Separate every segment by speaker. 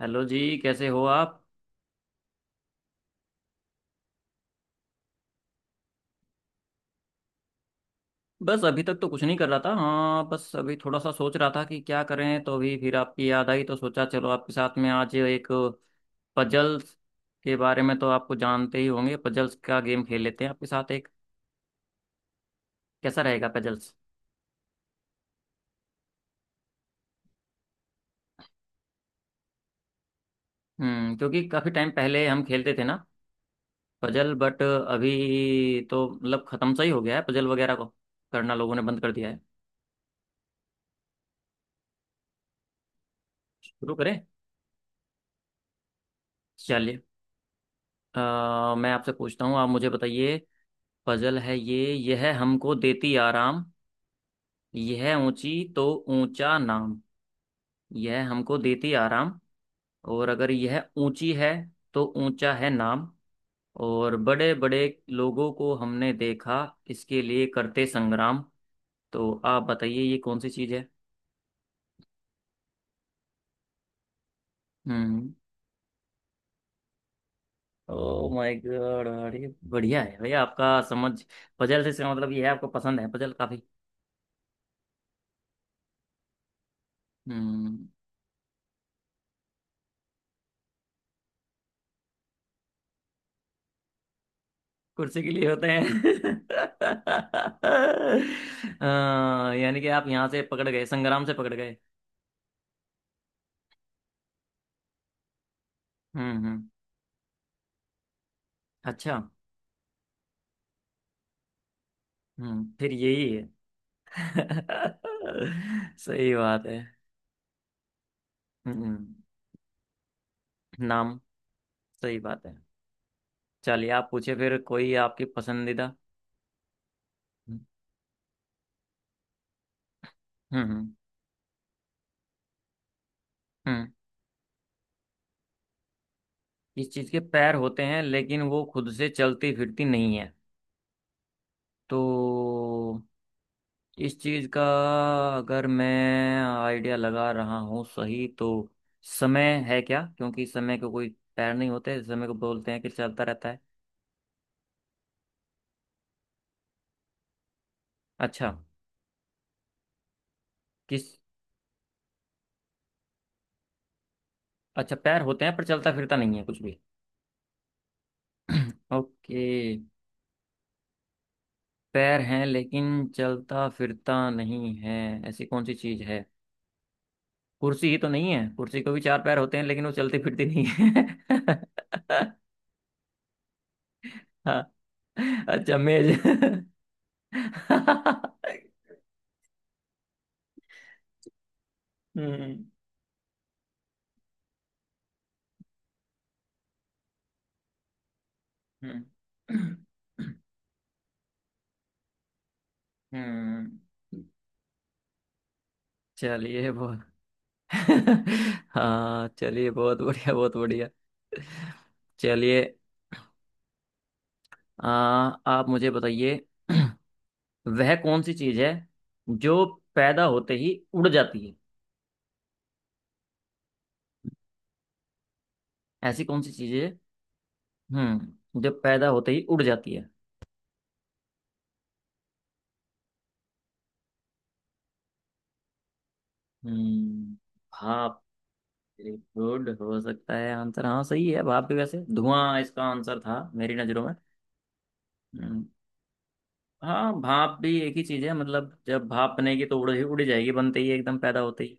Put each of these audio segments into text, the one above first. Speaker 1: Hello जी, कैसे हो आप। बस अभी तक तो कुछ नहीं कर रहा था। हाँ, बस अभी थोड़ा सा सोच रहा था कि क्या करें, तो अभी फिर आपकी याद आई तो सोचा चलो आपके साथ में आज एक पजल्स के बारे में तो आपको जानते ही होंगे, पजल्स का गेम खेल लेते हैं आपके साथ एक। कैसा रहेगा पजल्स? क्योंकि काफ़ी टाइम पहले हम खेलते थे ना पजल। बट अभी तो मतलब ख़त्म सा ही हो गया है, पजल वगैरह को करना लोगों ने बंद कर दिया है। शुरू करें? चलिए। अ, मैं आपसे पूछता हूँ, आप मुझे बताइए। पजल है ये: यह हमको देती आराम, यह ऊंची तो ऊंचा नाम। यह हमको देती आराम, और अगर यह ऊंची है तो ऊंचा है नाम। और बड़े बड़े लोगों को हमने देखा इसके लिए करते संग्राम। तो आप बताइए ये कौन सी चीज है? हम्म। Oh my god! अरे बढ़िया है भैया आपका समझ। पजल से इसका मतलब ये है आपको पसंद है पजल काफी। हम्म। कुर्सी के लिए होते हैं। यानी कि आप यहाँ से पकड़ गए, संग्राम से पकड़ गए। हम्म। अच्छा। फिर यही है। सही बात है। हम्म हम्म। नाम। सही बात है। चलिए आप पूछे फिर कोई आपकी पसंदीदा। हम्म हम्म हम्म। इस चीज के पैर होते हैं लेकिन वो खुद से चलती फिरती नहीं है। तो इस चीज का अगर मैं आइडिया लगा रहा हूँ सही तो, समय है क्या? क्योंकि समय को कोई पैर नहीं होते, समय को बोलते हैं कि चलता रहता है। अच्छा। किस… अच्छा, पैर होते हैं पर चलता फिरता नहीं है कुछ भी। ओके। पैर हैं लेकिन चलता फिरता नहीं है, ऐसी कौन सी चीज है? कुर्सी ही तो नहीं है? कुर्सी को भी चार पैर होते हैं लेकिन वो चलती फिरती नहीं है। हाँ। अच्छा, मेज। हम्म हम्म हम्म, चलिए बहुत… हाँ चलिए बहुत बढ़िया, बहुत बढ़िया। चलिए। आ, आप मुझे बताइए। वह कौन सी चीज है जो पैदा होते ही उड़ जाती है? ऐसी कौन सी चीज है, हम्म, जो पैदा होते ही उड़ जाती है? हम्म। भाप? वेरी गुड, हो सकता है आंसर। हाँ सही है भाप भी, वैसे धुआं इसका आंसर था मेरी नजरों में। हम्म, हाँ भाप भी एक ही चीज है, मतलब जब भाप बनेगी तो उड़ उड़ जाएगी, बनते ही एकदम, पैदा होते ही।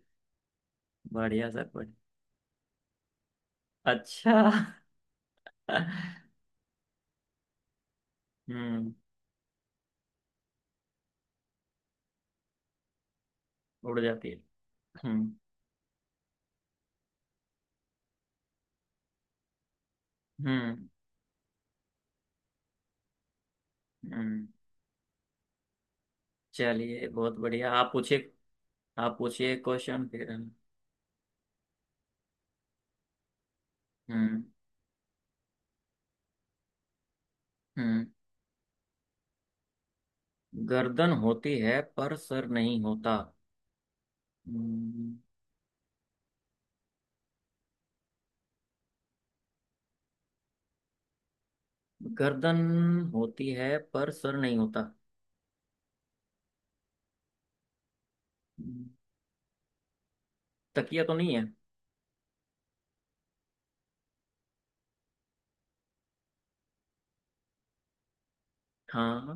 Speaker 1: बढ़िया सर बढ़िया। अच्छा। हम्म। उड़ जाती है। हम्म हम्म। हम्म। चलिए बहुत बढ़िया, आप पूछिए, आप पूछिए क्वेश्चन फिर हम्म। हम्म। गर्दन होती है पर सर नहीं होता। हम्म, गर्दन होती है पर सर नहीं होता, हम्म, तकिया तो नहीं है? हाँ,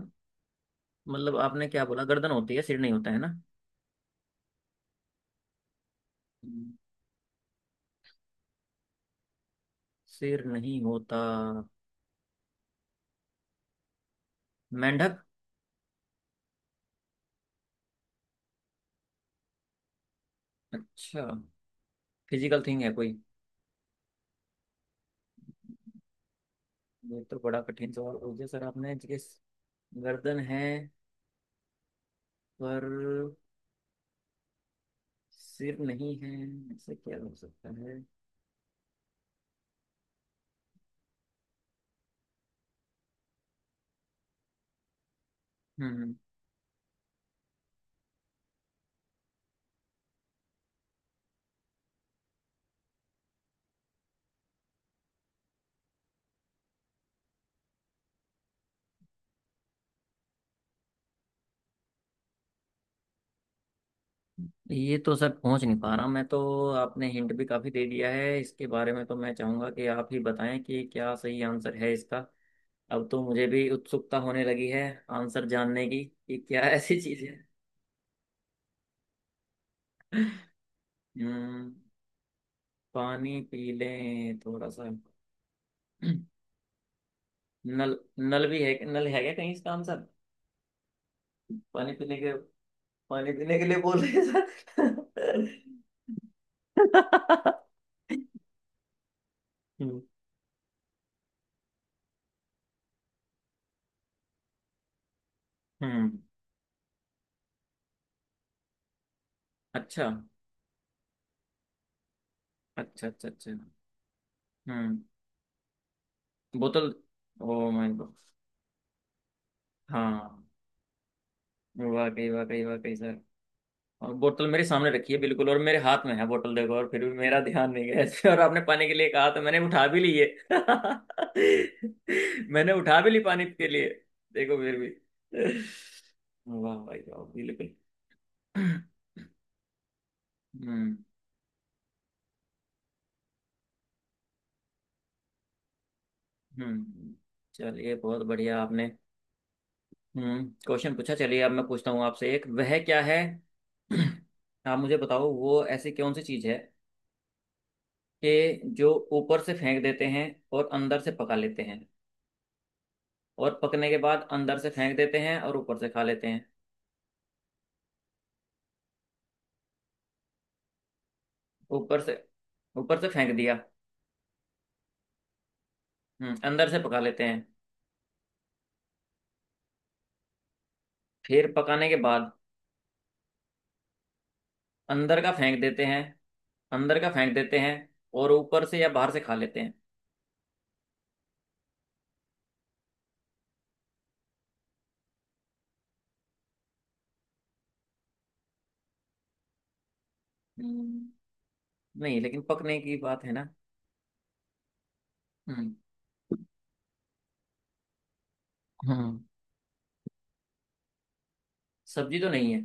Speaker 1: मतलब आपने क्या बोला, गर्दन होती है सिर नहीं होता है ना? सिर नहीं होता। मेंढक? अच्छा, फिजिकल थिंग है कोई? ये तो बड़ा कठिन सवाल पूछ दिया सर आपने जिस… गर्दन है पर सिर नहीं है, ऐसा क्या हो सकता है? हम्म। ये तो सर पहुंच नहीं पा रहा मैं तो। आपने हिंट भी काफी दे दिया है इसके बारे में, तो मैं चाहूंगा कि आप ही बताएं कि क्या सही आंसर है इसका। अब तो मुझे भी उत्सुकता होने लगी है आंसर जानने की कि क्या ऐसी चीज है। हम्म। पानी पी लें थोड़ा सा। नल? नल भी है, नल है क्या कहीं इसका आंसर? पानी पीने के… पानी पीने के लिए बोल रहे हैं सर? हम्म। हम्म, अच्छा अच्छा अच्छा। अच्छा। हम्म। बोतल? Oh my god! हाँ! वाकई वाकई वाकई सर। और बोतल मेरे सामने रखी है बिल्कुल, और मेरे हाथ में है बोतल देखो, और फिर भी मेरा ध्यान नहीं गया इसमें, और आपने पानी के लिए कहा तो मैंने उठा भी ली है। मैंने उठा भी ली पानी के लिए, देखो फिर भी। वाह भाई वाह, बिल्कुल। हम्म। हम्म। चलिए बहुत बढ़िया आपने क्वेश्चन पूछा, चलिए अब मैं पूछता हूँ आपसे एक, वह क्या है। आप मुझे बताओ वो ऐसी कौन सी चीज़ है कि जो ऊपर से फेंक देते हैं और अंदर से पका लेते हैं और पकने के बाद अंदर से फेंक देते हैं और ऊपर से खा लेते हैं। ऊपर से, ऊपर से फेंक दिया। हम्म, अंदर से पका लेते हैं। फिर पकाने के बाद अंदर का फेंक देते हैं, अंदर का फेंक देते हैं, और ऊपर से या बाहर से खा लेते हैं। हम्म, नहीं लेकिन पकने की बात है ना? हम्म। हम्म। सब्जी तो नहीं है।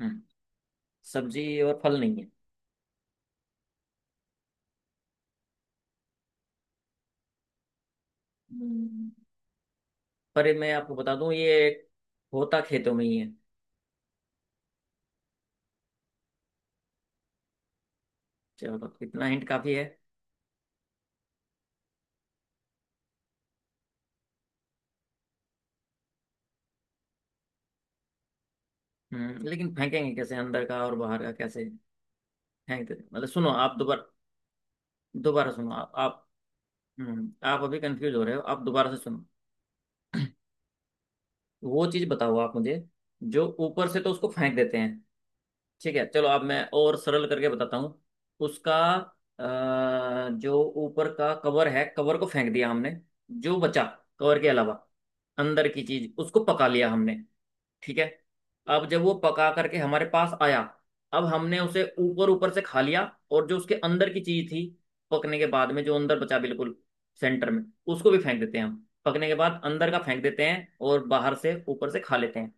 Speaker 1: हम्म। सब्जी और फल नहीं है। हम्म। पर ये मैं आपको बता दूं, ये होता खेतों में ही है। चलो तो इतना हिंट काफी है। हम्म, लेकिन फेंकेंगे कैसे अंदर का और बाहर का, कैसे है इधर? मतलब सुनो आप दोबारा, दोबारा सुनो आप आप अभी कंफ्यूज हो रहे हो, आप दोबारा से सुनो। वो चीज बताओ आप मुझे, जो ऊपर से तो उसको फेंक देते हैं। ठीक है चलो अब मैं और सरल करके बताता हूँ उसका। जो ऊपर का कवर है, कवर को फेंक दिया हमने। जो बचा कवर के अलावा अंदर की चीज, उसको पका लिया हमने। ठीक है? अब जब वो पका करके हमारे पास आया, अब हमने उसे ऊपर, ऊपर से खा लिया, और जो उसके अंदर की चीज थी, पकने के बाद में जो अंदर बचा, बिल्कुल सेंटर में, उसको भी फेंक देते हैं हम पकने के बाद, अंदर का फेंक देते हैं और बाहर से ऊपर से खा लेते हैं।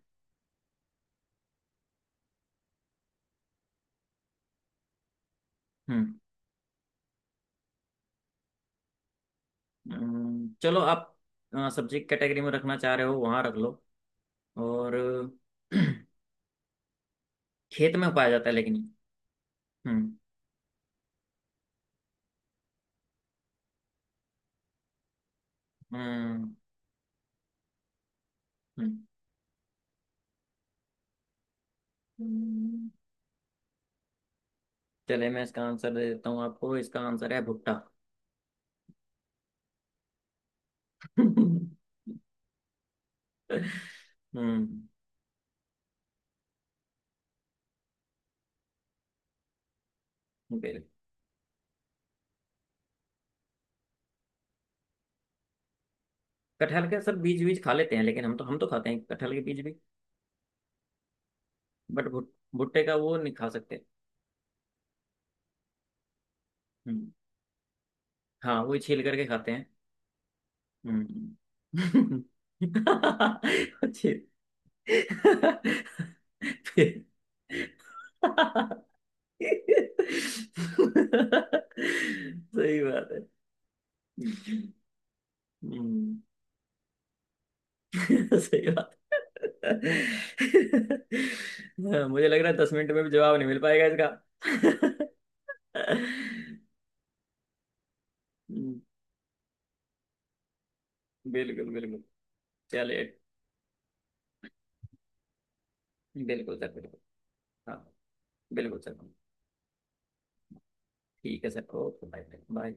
Speaker 1: हम्म, चलो आप, सब्जी कैटेगरी में रखना चाह रहे हो वहां रख लो। और खेत में उगाया जाता है लेकिन ये। हम्म हम्म हम्म। हम्म। चले मैं इसका आंसर दे देता हूँ आपको, इसका आंसर है भुट्टा। हम्म। बिल- कटहल के सर बीज, बीज खा लेते हैं लेकिन हम तो खाते हैं कटहल के बीज भी। बट भुट्टे का वो नहीं खा सकते। हम्म। हाँ वो छील करके खाते हैं। हम्म। छी- फिर- सही बात है। हम्म। सही बात। हाँ, मुझे लग रहा है 10 मिनट में भी जवाब नहीं मिल पाएगा इसका। हम्म, बिल्कुल बिल्कुल। चलिए बिल्कुल सर बिल्कुल। हाँ। बिल्कुल सर। ठीक है सर ओके बाय। बाय।